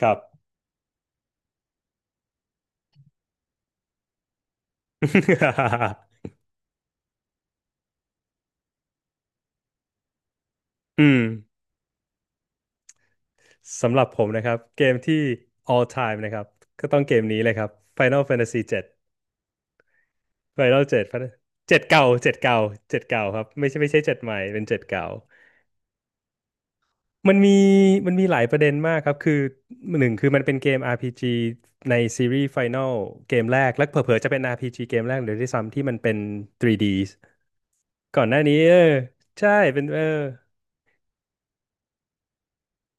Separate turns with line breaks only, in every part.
ครับ อืมสำหรับผมนะครับเกมที่ all time นะครับก็ต้องเกมนี้เลยครับ Final Fantasy 7 Final 7 Final เจ็ดเก่าเจ็ดเก่าเจ็ดเก่าครับไม่ใช่ไม่ใช่เจ็ดใหม่เป็นเจ็ดเก่ามันมีหลายประเด็นมากครับคือหนึ่งคือมันเป็นเกม RPG ในซีรีส์ Final เกมแรกและเผลอๆจะเป็น RPG เกมแรกเลยด้วยซ้ำที่มันเป็น 3D ก่อนหน้านี้ใช่เป็น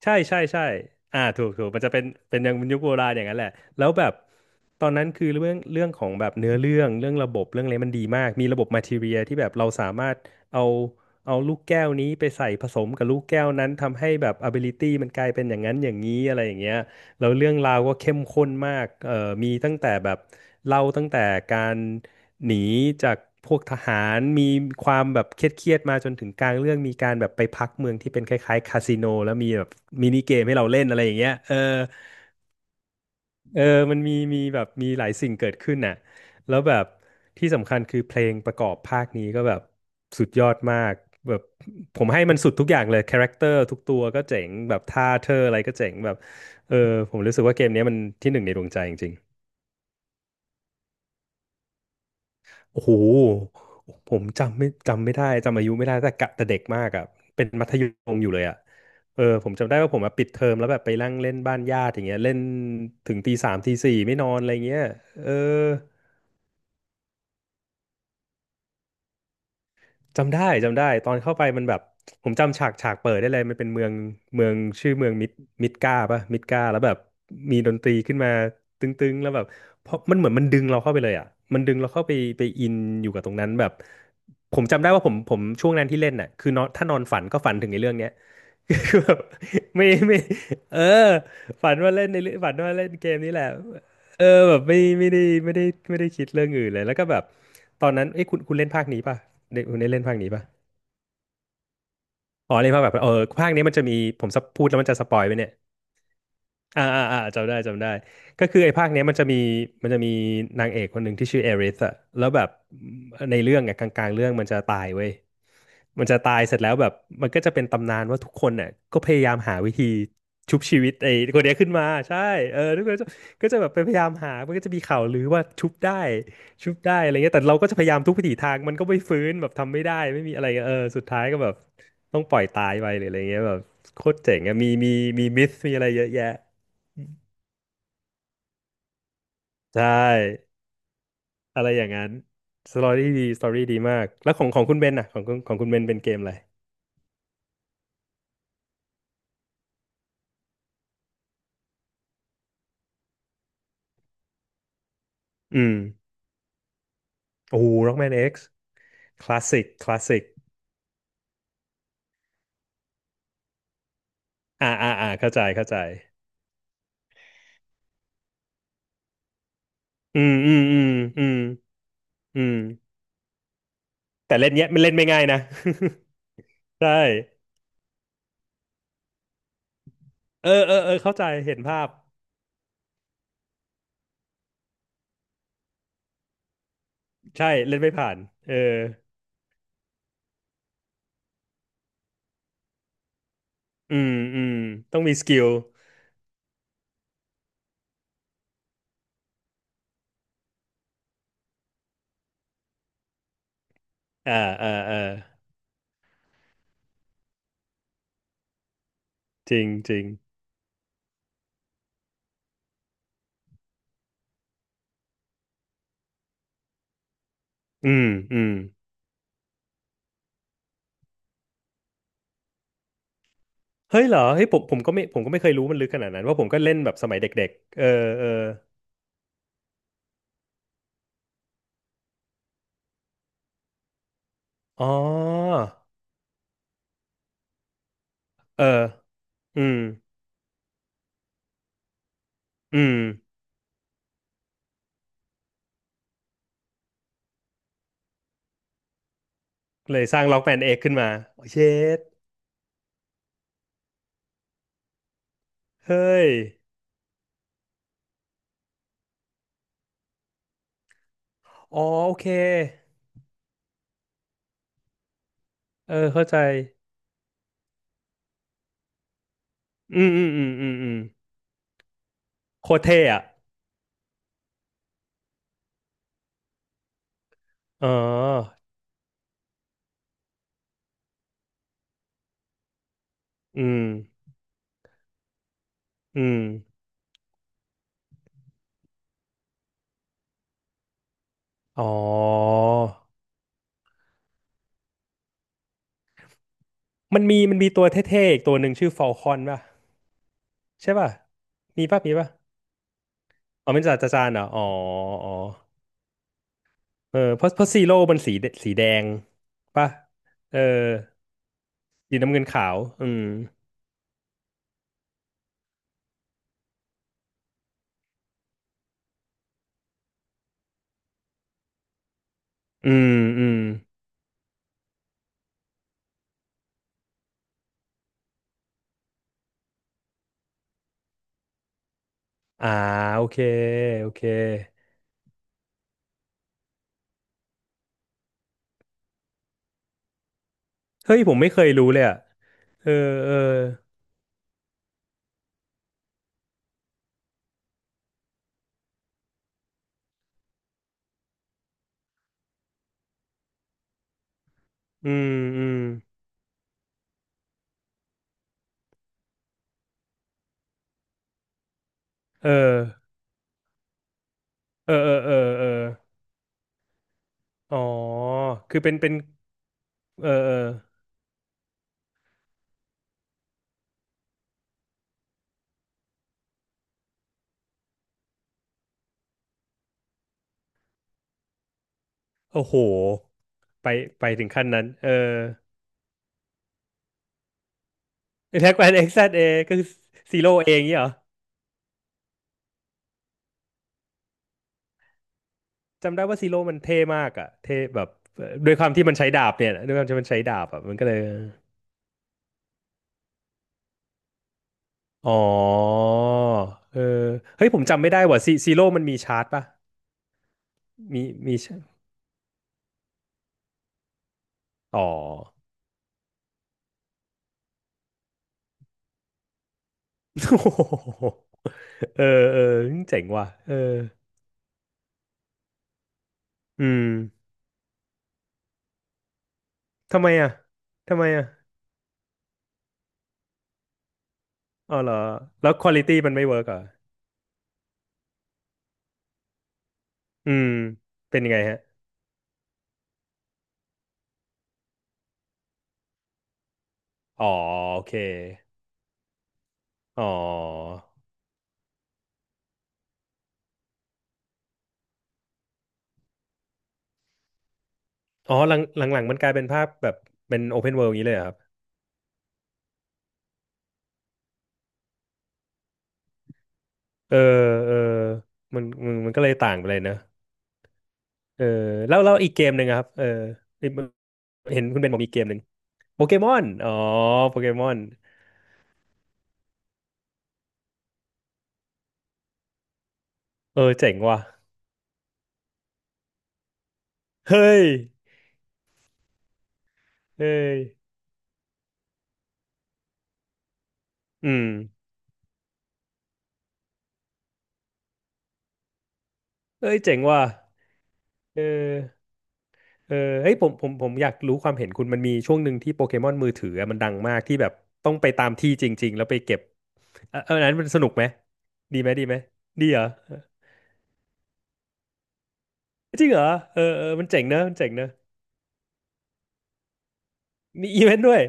ใช่ใช่ใช่อ่าถูกถูกมันจะเป็นยังยุคโบราณอย่างนั้นแหละ แล้วแบบตอนนั้นคือเรื่องของแบบเนื้อเรื่องเรื่องระบบเรื่องอะไรมันดีมาก มีระบบมาทีเรียที่แบบเราสามารถเอาลูกแก้วนี้ไปใส่ผสมกับลูกแก้วนั้นทำให้แบบ ability มันกลายเป็นอย่างนั้น อย่างนี้อะไรอย่างเงี้ย แล้วเรื่องราวก็เข้มข้นมากมีตั้งแต่แบบเล่าตั้งแต่การหนีจากพวกทหาร มีความแบบเครียดๆมาจนถึงกลางเรื่องมีการแบบไปพักเมืองที่เป็นคล้ายๆคาสิโนแล้วมีแบบมินิเกมให้เราเล่นอะไรอย่างเงี้ยเออ เออมันมีแบบมีหลายสิ่งเกิดขึ้นน่ะแล้วแบบที่สำคัญคือเพลงประกอบภาคนี้ก็แบบสุดยอดมากแบบผมให้มันสุดทุกอย่างเลยคาแรคเตอร์ทุกตัวก็เจ๋งแบบท่าเธออะไรก็เจ๋งแบบเออผมรู้สึกว่าเกมเนี้ยมันที่หนึ่งในดวงใจจริงๆโอ้โหผมจำไม่จำไม่ได้จำอายุไม่ได้แต่กะแต่เด็กมากอ่ะเป็นมัธยมอยู่เลยอ่ะเออผมจำได้ว่าผมมาปิดเทอมแล้วแบบไปนั่งเล่นบ้านญาติอย่างเงี้ยเล่นถึงตีสามตีสี่ไม่นอนอะไรเงี้ยเออ จำได้จำได้ตอนเข้าไปมันแบบผมจำฉากเปิดได้เลยมันเป็นเมืองเมืองชื่อเมืองมิดกาปะมิดกาแล้วแบบมีดนตรีขึ้นมาตึงๆแล้วแบบเพราะมันเหมือนมันดึงเราเข้าไปเลยอ่ะมันดึงเราเข้าไปไปอินอยู่กับตรงนั้นแบบผมจำได้ว่าผมช่วงนั้นที่เล่นน่ะคือนอนถ้านอนฝันก็ฝันถึงในเรื่องเนี้ย คือแบบไม่เออฝันว่าเล่นในเรื่องฝันว่าเล่นเกมนี้แหละเออแบบไม่ไม่ได้ไม่ได้คิดเรื่องอื่นเลยแล้วก็แบบตอนนั้นเอ้ยคุณเล่นภาคนี้ป่ะ ได้คุณได้เล่นภาคนี้ปะอ๋อ เล่นภาคแบบเออภาคนี้มันจะมี ผมสปพูดแล้วมันจะสปอยไปเนี่ย อ่าอ่าอ่าจำได้จำได้ก็คือไอ้ภาคเนี้ยมันจะมีมันจะมีนางเอกคนหนึ่งที่ชื่อเอริสอะแล้วแบบในเรื่องอะกลางๆเรื่องมันจะตายเว้ยมันจะตายเสร็จแล้วแบบมันก็จะเป็นตำนานว่าทุกคนเนี่ยก็พยายามหาวิธีชุบชีวิตไอ้คนเนี้ยขึ้นมาใช่เออทุกคนก็จะแบบไปพยายามหามันก็จะมีข่าวลือว่าชุบได้ชุบได้อะไรเงี้ยแต่เราก็จะพยายามทุกวิถีทางมันก็ไม่ฟื้นแบบทำไม่ได้ไม่มีอะไรเงี้ยเออสุดท้ายก็แบบต้องปล่อยตายไปหรืออะไรเงี้ยแบบโคตรเจ๋งอะมีมีมิสมีอะไรเยอะแยะ ใช่อะไรอย่างนั้นสตอรี่ดีสตอรี่ดีมากแล้วของคุณเบนน่ะของคุณเบนเป็นเกมอะไรอืมโอ้โห Rockman X คลาสสิกคลาสสิกอ่าอ่าอ่าเข้าใจเข้าใจอืมอืมอืมอืมอืมแต่เล่นเนี้ยมันเล่นไม่ง่ายนะ ใช่เออเออเออเข้าใจเห็นภาพใช่เล่นไม่ผ่านเอออืมอืมต้องมีสกิลอ่าอ่าอ่าจริงจริงอืมอืม เฮ้ยเหรอเฮ้ยผมก็ไม่ผมก็ไม่เคยรู้มันลึกขนาดนั้นว่าะผมก็เล่นแบบสมัยเด็กๆเออเอออ๋อเอออืมอืมเลยสร้างล็อกแมนเอกขึ้นมาเชดเฮ้ยอ๋อโอเคเออเข้าใจอืมอืมอืมอืมอืมโคตรเท่อะอ๋ออืมอืมอ๋อมันมีตัวเท่ๆอีกตัวหนึ่งชื่อฟอลคอนป่ะใช่ป่ะมีป่ะมีป่ะอ๋อเป็นจ่าจาจานเหรออ๋ออ๋อ เออเพราะซีโร่มันสีแดงป่ะเออสีน้ำเงินขาวอืมอืมอืมอ่าโอเคโอเคเฮ้ยผมไม่เคยรู้เลยอ่ะเออเอออืมอืมเออเออเออเออเอออ๋อคือเป็นเออเออโอ้โหไปถึงขั้นนั้นเออแท็กแอนเอ็กซ์เอก็คือซีโร่เองเงี้ยเหรอ จำได้ว่าซีโร่มันเท่มากอ่ะเท่แบบเอ่อด้วยความที่มันใช้ดาบเนี่ยด้วยความที่มันใช้ดาบอ่ะมันก็เลยอ๋อเออเฮ้ยผมจำไม่ได้ว่ะซีโร่มันมีชาร์จป่ะมีมีชาร์จอ๋อ โอ้โหเออเออเจ๋งว่ะเอออืมทำไมอ่ะทำไมอ่ะอ๋อเหรอแล้วควอลิตี้มันไม่เวิร์กเหรอ่ะอืมเป็นยังไงฮะอ๋อโอเคอ๋ออ๋อหลังหลังๆมันกลายเป็นภาพแบบเป็นโอเพนเวิลด์อย่างนี้เลยเหรอครับ เออเออมันก็เลยต่างไปเลยนะเออแล้วอีกเกมหนึ่งอะครับเออเห็นคุณเบนบอกมีเกมหนึ่งโปเกมอนอ๋อโปเกมอนเออเจ๋งว่ะเฮ้ยเฮ้ยอืมเอ้ยเจ๋งว่ะเออเออเฮ้ยผมอยากรู้ความเห็นคุณมันมีช่วงหนึ่งที่โปเกมอนมือถืออะมันดังมากที่แบบต้องไปตามที่จริงๆแล้วไปเก็บเออเอออันนั้นมันสนุกไหมดีไหมดีไหมดีเหรอจริงเหรอเออเออมันเจ๋งเนอะมันเจ๋งเนอะมีอีเวนต์ด้วย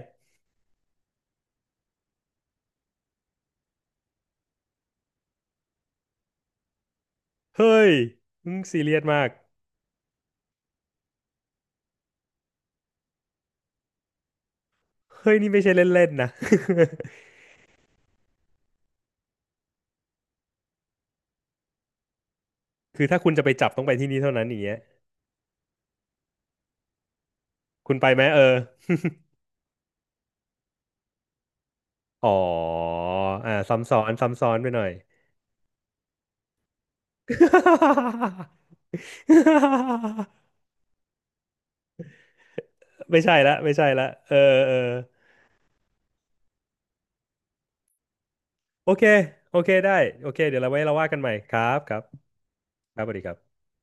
เฮ้ยมึงซีเรียสมากเฮ้ยนี่ไม่ใช่เล่นๆนะ คือถ้าคุณจะไปจับต้องไปที่นี่เท่านั้นอย่างเงี้ยคุณไปไหมเอออ๋ออ่าซ้ำซ้อนซ้ำซ้อนไปหน่อย ไม่ใช่ละไม่ใช่ละเออเออโอเคโอเคได้โอเคเดี๋ยวเราไว้เราว่ากันใหม่ครับครับครับสวัสดีครับ